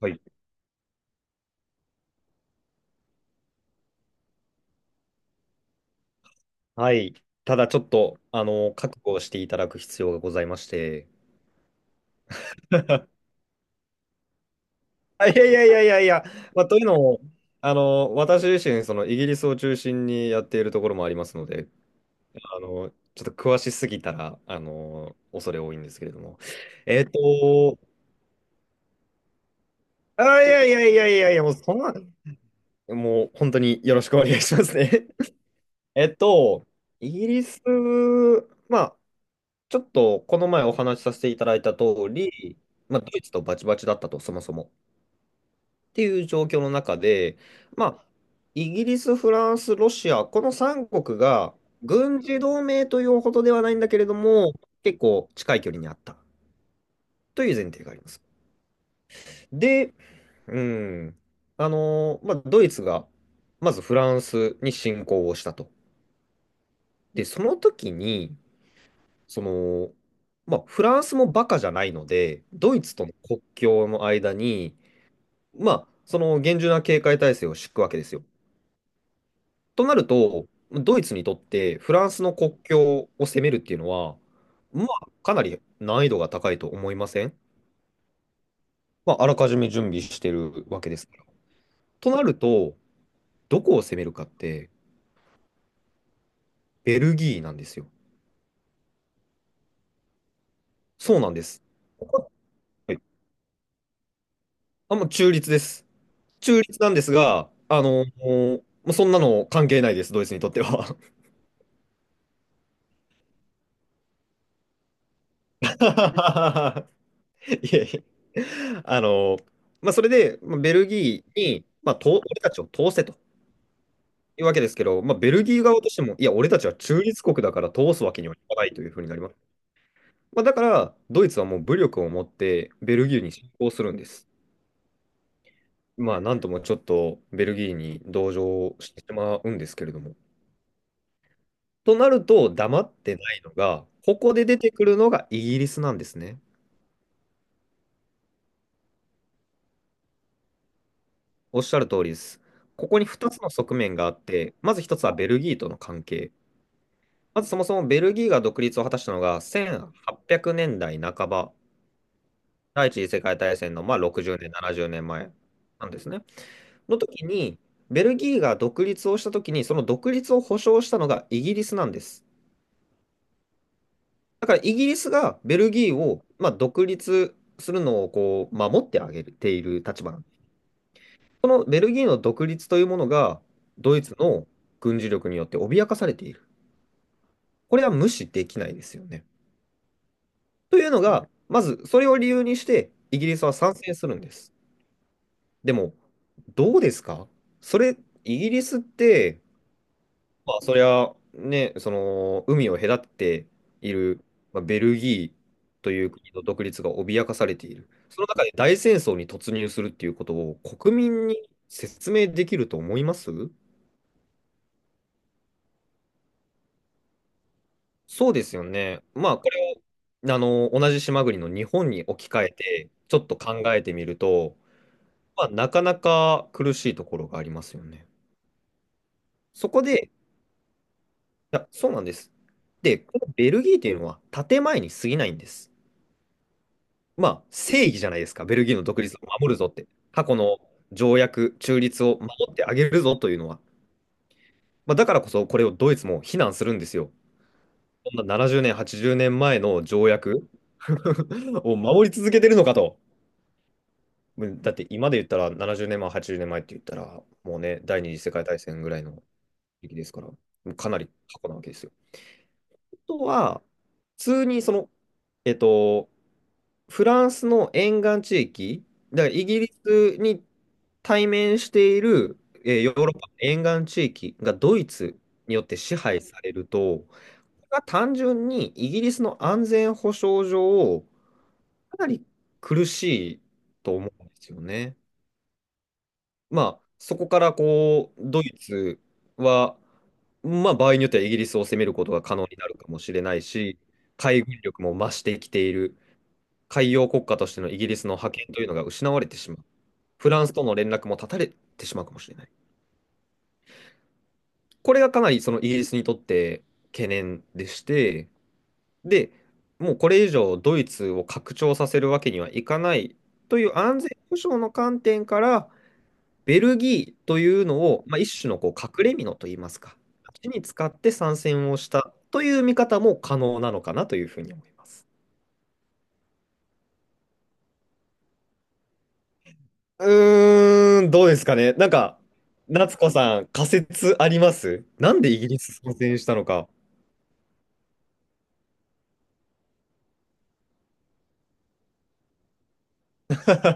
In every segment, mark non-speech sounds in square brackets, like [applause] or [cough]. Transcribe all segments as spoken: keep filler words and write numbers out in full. はい。はい。ただちょっと、あの、覚悟をしていただく必要がございまして。[laughs] あいやいやいやいやいや、まあ、というのも、あの、私自身、そのイギリスを中心にやっているところもありますので、あの、ちょっと詳しすぎたら、あの、恐れ多いんですけれども。えっと、あ、いやいやいやいやいや、もうそんな、もう本当によろしくお願いしますね。[laughs] えっと、イギリス、まあ、ちょっとこの前お話しさせていただいた通り、まあ、ドイツとバチバチだったと、そもそも。っていう状況の中で、まあ、イギリス、フランス、ロシア、このさんごく国が軍事同盟というほどではないんだけれども、結構近い距離にあったという前提があります。で、うん、あのーまあ、ドイツがまずフランスに侵攻をしたと。で、その時に、その、まあ、フランスもバカじゃないので、ドイツとの国境の間に、まあ、その厳重な警戒態勢を敷くわけですよ。となると、ドイツにとってフランスの国境を攻めるっていうのは、まあ、かなり難易度が高いと思いません？まあ、あらかじめ準備してるわけですから。となると、どこを攻めるかって、ベルギーなんですよ。そうなんです。ここって、あ、もう中立です。中立なんですが、あの、もうそんなの関係ないです、ドイツにとっては。[laughs] いえいえ。あの、まあ、それで、まあ、ベルギーに、まあ、と、俺たちを通せというわけですけど、まあ、ベルギー側としても、いや、俺たちは中立国だから通すわけにはいかないというふうになります。まあ、だから、ドイツはもう武力を持ってベルギーに侵攻するんです。まあ、なんともちょっとベルギーに同情してしまうんですけれども。となると、黙ってないのが、ここで出てくるのがイギリスなんですね。おっしゃる通りです。ここにふたつの側面があって、まずひとつはベルギーとの関係。まずそもそもベルギーが独立を果たしたのがせんはっぴゃくねんだいなかば、第一次世界大戦のまあろくじゅうねん、ななじゅうねんまえなんですね。の時に、ベルギーが独立をした時に、その独立を保障したのがイギリスなんです。だからイギリスがベルギーをまあ独立するのをこう守ってあげている立場なんです。このベルギーの独立というものが、ドイツの軍事力によって脅かされている。これは無視できないですよね。というのが、まずそれを理由にして、イギリスは参戦するんです。でも、どうですか？それ、イギリスって、まあ、そりゃ、ね、その、海を隔てている、まあ、ベルギーという国の独立が脅かされている。その中で大戦争に突入するっていうことを国民に説明できると思います？そうですよね。まあ、これを、あの、同じ島国の日本に置き換えて、ちょっと考えてみると、まあ、なかなか苦しいところがありますよね。そこで、いや、そうなんです。で、このベルギーというのは建前に過ぎないんです。まあ、正義じゃないですか。ベルギーの独立を守るぞって。過去の条約、中立を守ってあげるぞというのは。まあ、だからこそ、これをドイツも非難するんですよ。こんなななじゅうねん、はちじゅうねんまえの条約 [laughs] を守り続けてるのかと。だって今で言ったらななじゅうねんまえ、はちじゅうねんまえって言ったら、もうね、第二次世界大戦ぐらいの時期ですから、もうかなり過去なわけですよ。あとは、普通にその、えっと、フランスの沿岸地域、だからイギリスに対面している、えーヨーロッパの沿岸地域がドイツによって支配されると、これは単純にイギリスの安全保障上、かなり苦しいと思うんですよね。まあ、そこからこう、ドイツは、まあ、場合によってはイギリスを攻めることが可能になるかもしれないし、海軍力も増してきている、海洋国家としてのイギリスの覇権というのが失われてしまう、フランスとの連絡も断たれてしまうかもしれない。これがかなりそのイギリスにとって懸念でして、で、もうこれ以上ドイツを拡張させるわけにはいかないという安全保障の観点から、ベルギーというのを、まあ、一種のこう隠れ蓑といいますか、鉢に使って参戦をしたという見方も可能なのかなというふうに思います。うーん、どうですかね。なんか、夏子さん、仮説あります？なんでイギリス参戦したのか。[laughs]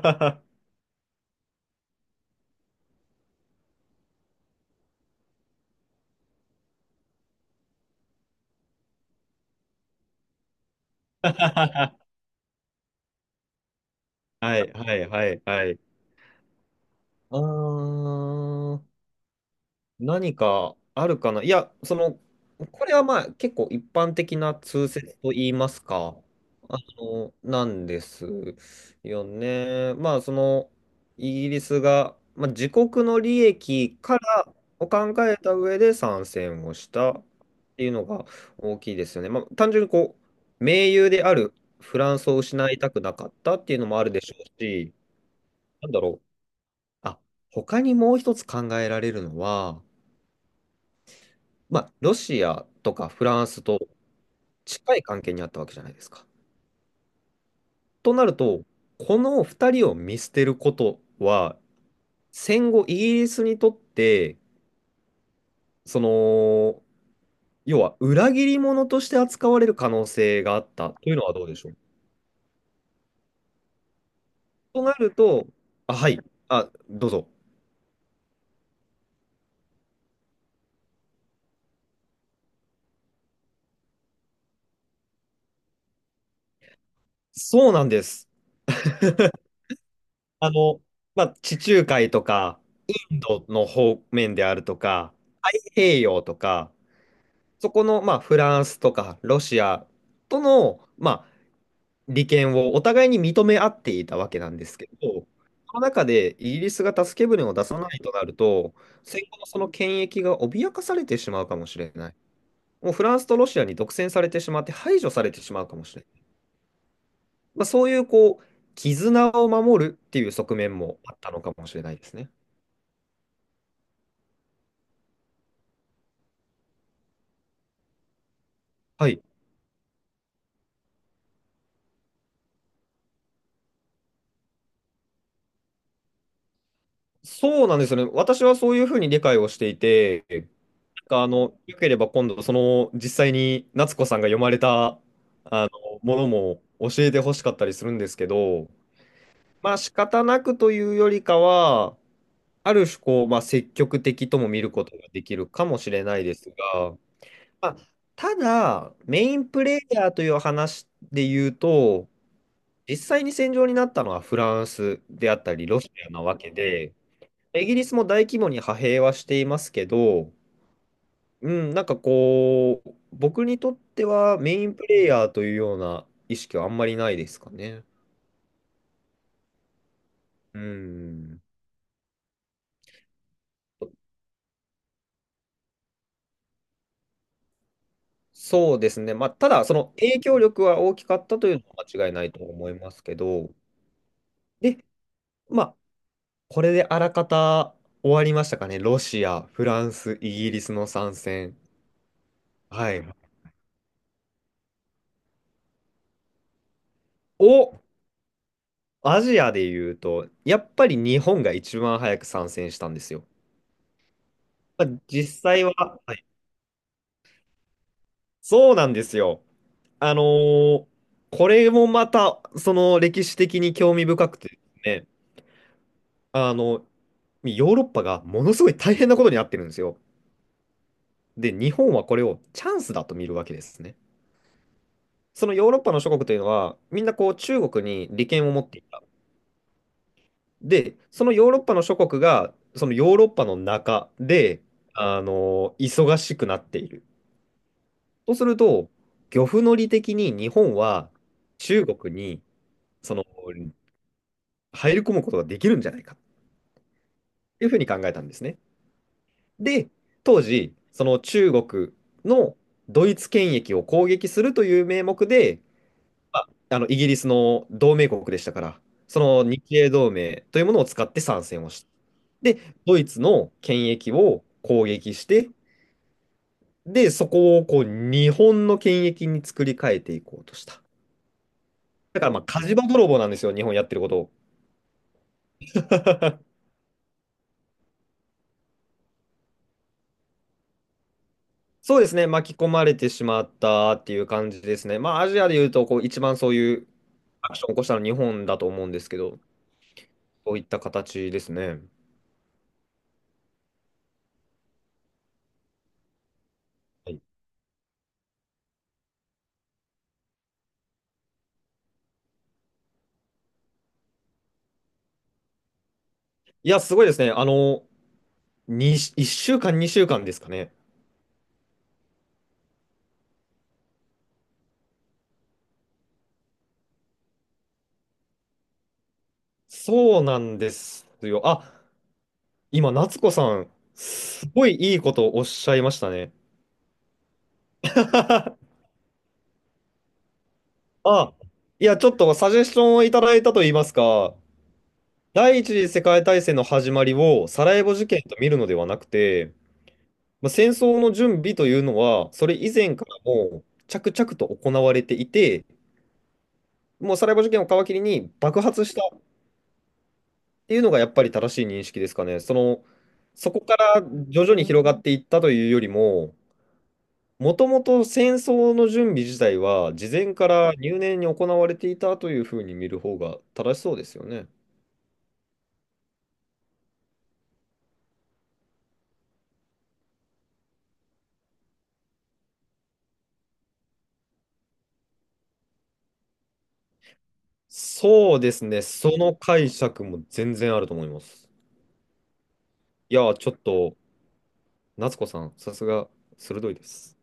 はい、はい、はい、はい。あー何かあるかないや、その、これはまあ結構一般的な通説と言いますか、あの、なんですよね。まあその、イギリスが、まあ、自国の利益からを考えた上で参戦をしたっていうのが大きいですよね。まあ単純にこう、盟友であるフランスを失いたくなかったっていうのもあるでしょうし、なんだろう。あ、他にもう一つ考えられるのは、まあ、ロシアとかフランスと近い関係にあったわけじゃないですか。となると、このふたりを見捨てることは、戦後イギリスにとって、その、要は裏切り者として扱われる可能性があったというのはどうでしょう。となると、あ、はい、あ、どうぞ。そうなんです。あの、まあ、地中海とかインドの方面であるとか、太平洋とか、そこの、まあ、フランスとかロシアとの、まあ、利権をお互いに認め合っていたわけなんですけど、その中でイギリスが助け舟を出さないとなると、戦後のその権益が脅かされてしまうかもしれない。もうフランスとロシアに独占されてしまって排除されてしまうかもしれない。まあ、そういうこう、絆を守るっていう側面もあったのかもしれないですね。はい。そうなんですよね。私はそういうふうに理解をしていて、あの、よければ今度、その、実際に夏子さんが読まれたものも教えてほしかったりするんですけど、まあ仕方なくというよりかは、ある種こう、まあ積極的とも見ることができるかもしれないですが、まあ、ただ、メインプレイヤーという話で言うと、実際に戦場になったのはフランスであったり、ロシアなわけで、イギリスも大規模に派兵はしていますけど、うん、なんかこう、僕にとってはメインプレイヤーというような意識はあんまりないですかね。うん。そうですね。まあ、ただ、その影響力は大きかったというのは間違いないと思いますけど、で、まあ、これであらかた終わりましたかね。ロシア、フランス、イギリスの参戦。はい。を、アジアで言うと、やっぱり日本が一番早く参戦したんですよ。まあ、実際は、はいそうなんですよ。あのーこれもまた、その歴史的に興味深くてですね、あの、ヨーロッパがものすごい大変なことになってるんですよ。で、日本はこれをチャンスだと見るわけですね。そのヨーロッパの諸国というのは、みんなこう中国に利権を持っていた。で、そのヨーロッパの諸国が、そのヨーロッパの中で、あのー忙しくなっている。そうすると、漁夫の利的に日本は中国に、その、入り込むことができるんじゃないか。いうふうに考えたんですね。で、当時、その中国のドイツ権益を攻撃するという名目で、まあ、あのイギリスの同盟国でしたから、その日英同盟というものを使って参戦をした。で、ドイツの権益を攻撃して、で、そこをこう日本の権益に作り変えていこうとした。だからまあ火事場泥棒なんですよ、日本やってることを。[laughs] そうですね、巻き込まれてしまったっていう感じですね。まあ、アジアでいうとこう一番そういうアクションを起こしたの日本だと思うんですけど、そういった形ですね。はい、いや、すごいですね。あの、に、いっしゅうかん、にしゅうかんですかね。そうなんですよ。あ、今、夏子さん、すごいいいことをおっしゃいましたね。[laughs] あ、いや、ちょっとサジェスションをいただいたといいますか、第一次世界大戦の始まりをサラエボ事件と見るのではなくて、まあ、戦争の準備というのは、それ以前からもう着々と行われていて、もうサラエボ事件を皮切りに爆発したっていうのがやっぱり正しい認識ですかね。その、そこから徐々に広がっていったというよりも、もともと戦争の準備自体は事前から入念に行われていたというふうに見る方が正しそうですよね。そうですね。その解釈も全然あると思います。いや、ちょっと、夏子さん、さすが鋭いです。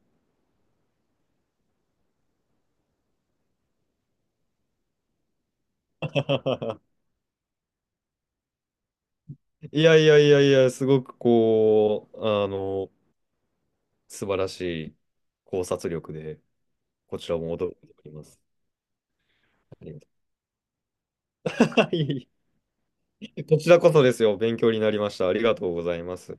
[laughs] いやいやいやいや、すごくこう、あの、素晴らしい考察力で。こちらも驚いております。ありがとう [laughs] こちらこそですよ。勉強になりました。ありがとうございます。